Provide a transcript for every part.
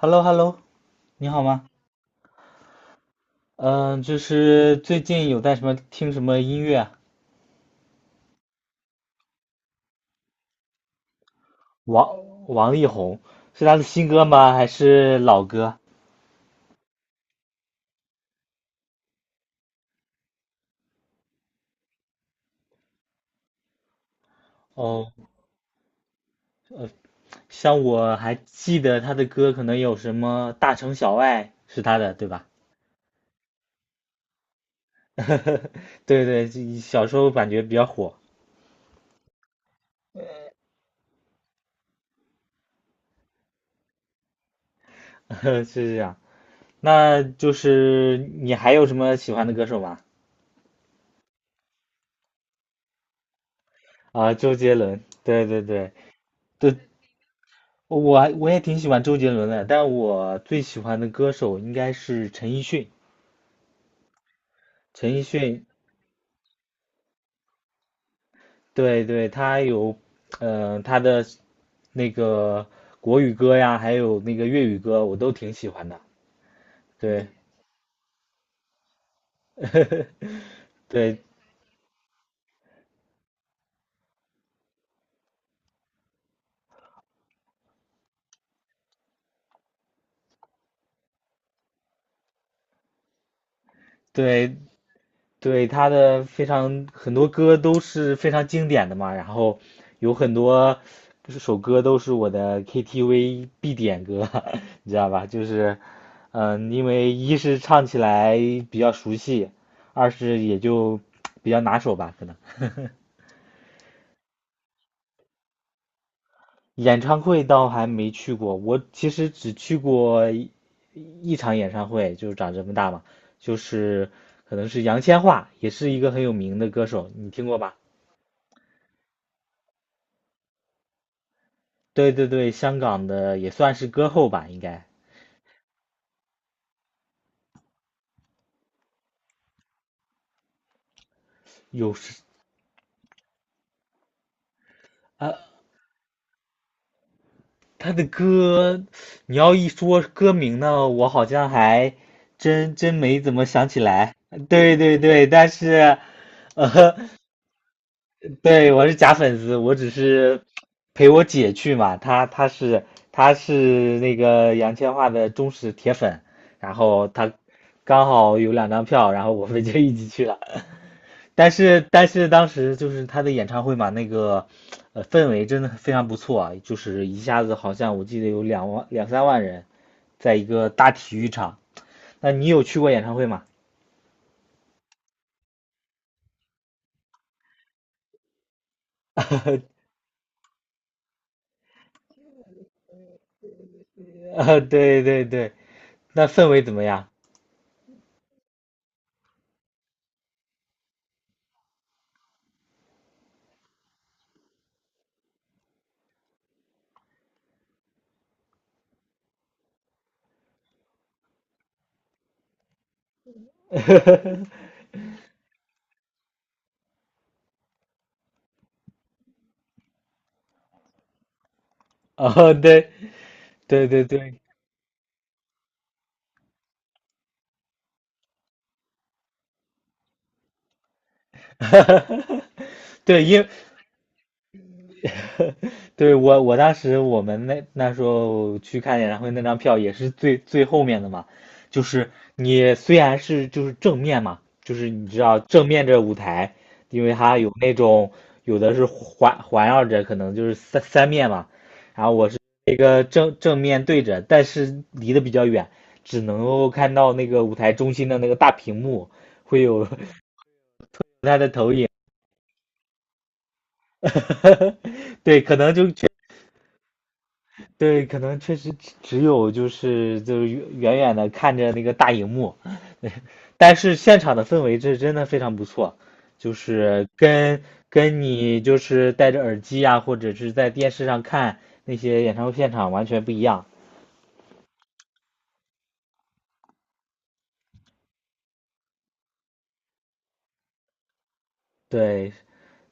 h e l l o h e l l o 你好吗？嗯，就是最近有在什么听什么音乐啊。王力宏是他的新歌吗？还是老歌？哦，像我还记得他的歌，可能有什么《大城小爱》是他的，对吧？对对，这小时候感觉比较火。是这样。那就是你还有什么喜欢的歌手吗？啊，周杰伦，对对对对。我也挺喜欢周杰伦的，但我最喜欢的歌手应该是陈奕迅。陈奕迅，对对，他有，他的那个国语歌呀，还有那个粤语歌，我都挺喜欢的。对，对对，对，他的非常很多歌都是非常经典的嘛，然后有很多首歌都是我的 KTV 必点歌，你知道吧？就是，嗯，因为一是唱起来比较熟悉，二是也就比较拿手吧，可能。演唱会倒还没去过，我其实只去过一场演唱会，就是长这么大嘛，就是可能是杨千嬅，也是一个很有名的歌手，你听过吧？对对对，香港的也算是歌后吧，应该有时啊，他的歌，你要一说歌名呢，我好像还真没怎么想起来。对对对，但是，呃，对，我是假粉丝，我只是陪我姐去嘛，她是那个杨千嬅的忠实铁粉，然后她刚好有两张票，然后我们就一起去了。但是当时就是他的演唱会嘛，那个氛围真的非常不错啊，就是一下子好像我记得有两万两三万人，在一个大体育场。那你有去过演唱会吗？啊，对对对，那氛围怎么样？哦，对对对对，对，对，我当时我们那时候去看演唱会那张票也是最最后面的嘛，就是你虽然是就是正面嘛，就是你知道正面这舞台，因为它有那种有的是环环绕着，可能就是三面嘛，然后我是一个正面对着，但是离得比较远，只能够看到那个舞台中心的那个大屏幕会有 它的投影。对，可能就确对，可能确实只有就是就是远远远看着那个大荧幕，但是现场的氛围这真的非常不错，就是跟你就是戴着耳机啊，或者是在电视上看那些演唱会现场完全不一样。对，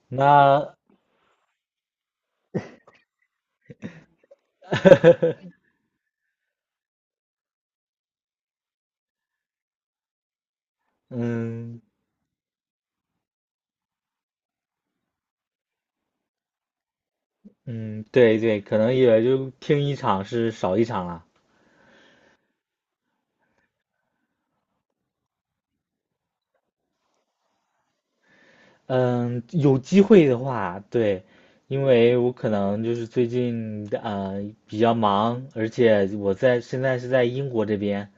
那嗯嗯，对对，可能也就听一场是少一场了。嗯，有机会的话，对，因为我可能就是最近比较忙，而且我在现在是在英国这边，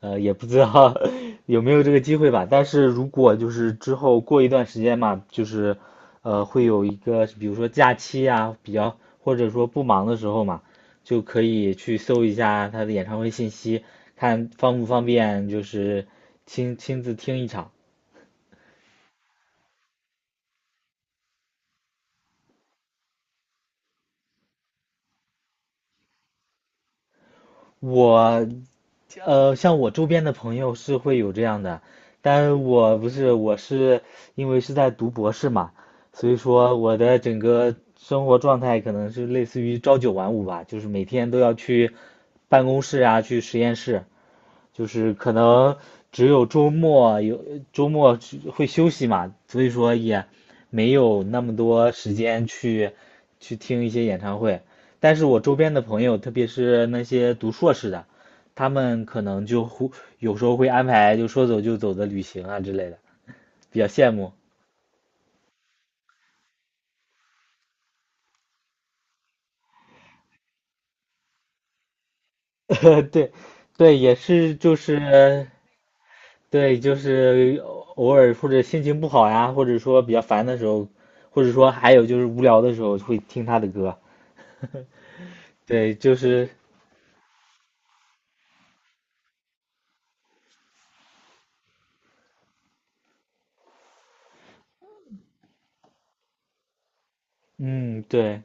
也不知道 有没有这个机会吧。但是如果就是之后过一段时间嘛，就是会有一个比如说假期啊，比较或者说不忙的时候嘛，就可以去搜一下他的演唱会信息，看方不方便就是亲自听一场。我，像我周边的朋友是会有这样的，但我不是，我是因为是在读博士嘛，所以说我的整个生活状态可能是类似于朝九晚五吧，就是每天都要去办公室啊，去实验室，就是可能只有周末有周末去会休息嘛，所以说也没有那么多时间去去听一些演唱会。但是我周边的朋友，特别是那些读硕士的，他们可能就会有时候会安排就说走就走的旅行啊之类的，比较羡慕。对，对，也是就是对，就是偶尔或者心情不好呀，或者说比较烦的时候，或者说还有就是无聊的时候会听他的歌 对，就是，嗯，对，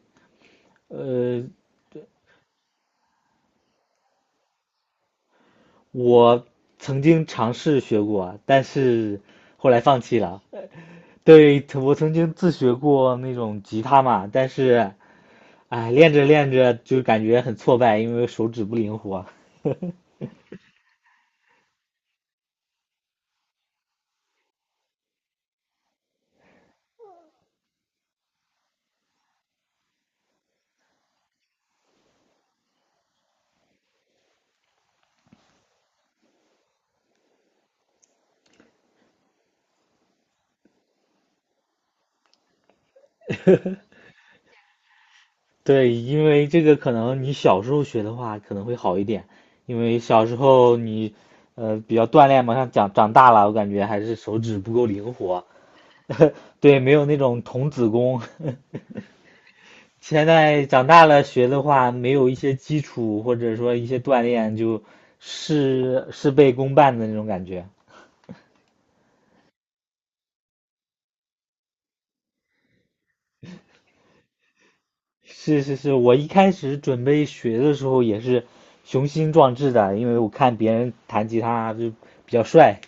呃，我曾经尝试学过，但是后来放弃了。对，我曾经自学过那种吉他嘛，但是，哎，练着练着就感觉很挫败，因为手指不灵活。对，因为这个可能你小时候学的话可能会好一点，因为小时候你比较锻炼嘛，像长大了，我感觉还是手指不够灵活，对，没有那种童子功。现在长大了学的话，没有一些基础或者说一些锻炼，就是事事倍功半的那种感觉。是是是，我一开始准备学的时候也是雄心壮志的，因为我看别人弹吉他就比较帅，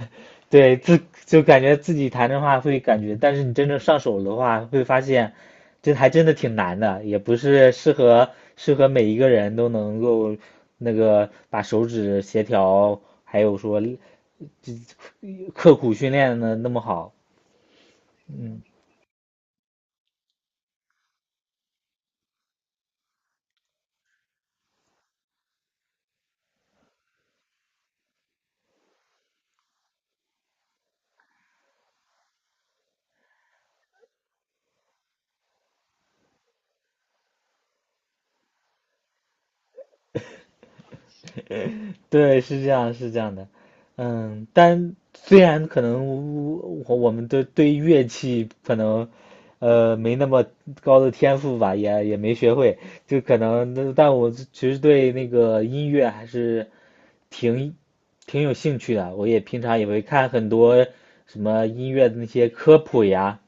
对，就感觉自己弹的话会感觉，但是你真正上手的话，会发现这还真的挺难的，也不是适合每一个人都能够那个把手指协调，还有说这刻苦训练的那么好，嗯。对，是这样，是这样的，嗯，但虽然可能我们都对乐器可能，没那么高的天赋吧，也也没学会，就可能，但我其实对那个音乐还是挺挺有兴趣的，我也平常也会看很多什么音乐的那些科普呀，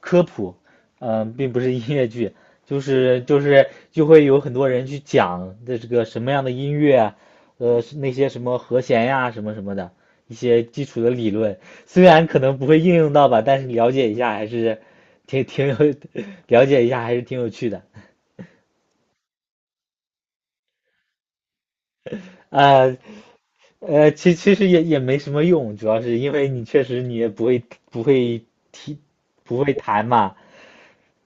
科普，并不是音乐剧，就会有很多人去讲的这个什么样的音乐啊，是那些什么和弦呀，什么什么的一些基础的理论，虽然可能不会应用到吧，但是了解一下还是挺挺有 了解一下还是挺有趣的。呃呃，其实也也没什么用，主要是因为你确实你也不会不会踢不会弹嘛，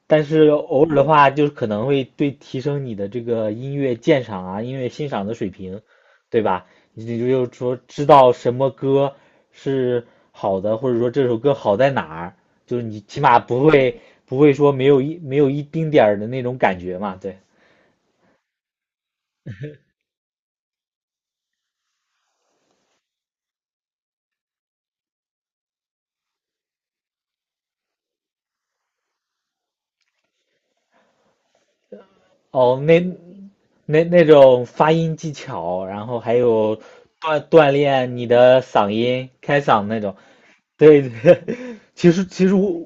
但是偶尔的话，就是可能会对提升你的这个音乐鉴赏啊、音乐欣赏的水平，对吧？就就是说知道什么歌是好的，或者说这首歌好在哪儿，就是你起码不会说没有一丁点儿的那种感觉嘛，对。哦，那那种发音技巧，然后还有锻炼你的嗓音、开嗓那种，对对。其实我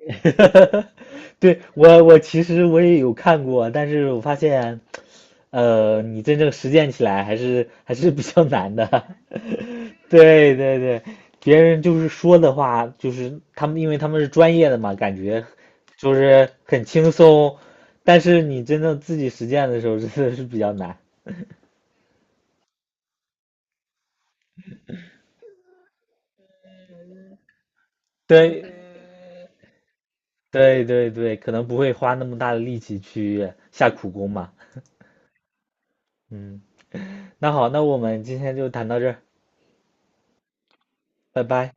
对，我其实我也有看过，但是我发现，你真正实践起来还是还是比较难的。对对对，别人就是说的话，就是他们，因为他们是专业的嘛，感觉就是很轻松，但是你真正自己实践的时候，真的是比较难 对对对对，可能不会花那么大的力气去下苦功嘛。嗯，那好，那我们今天就谈到这儿，拜拜。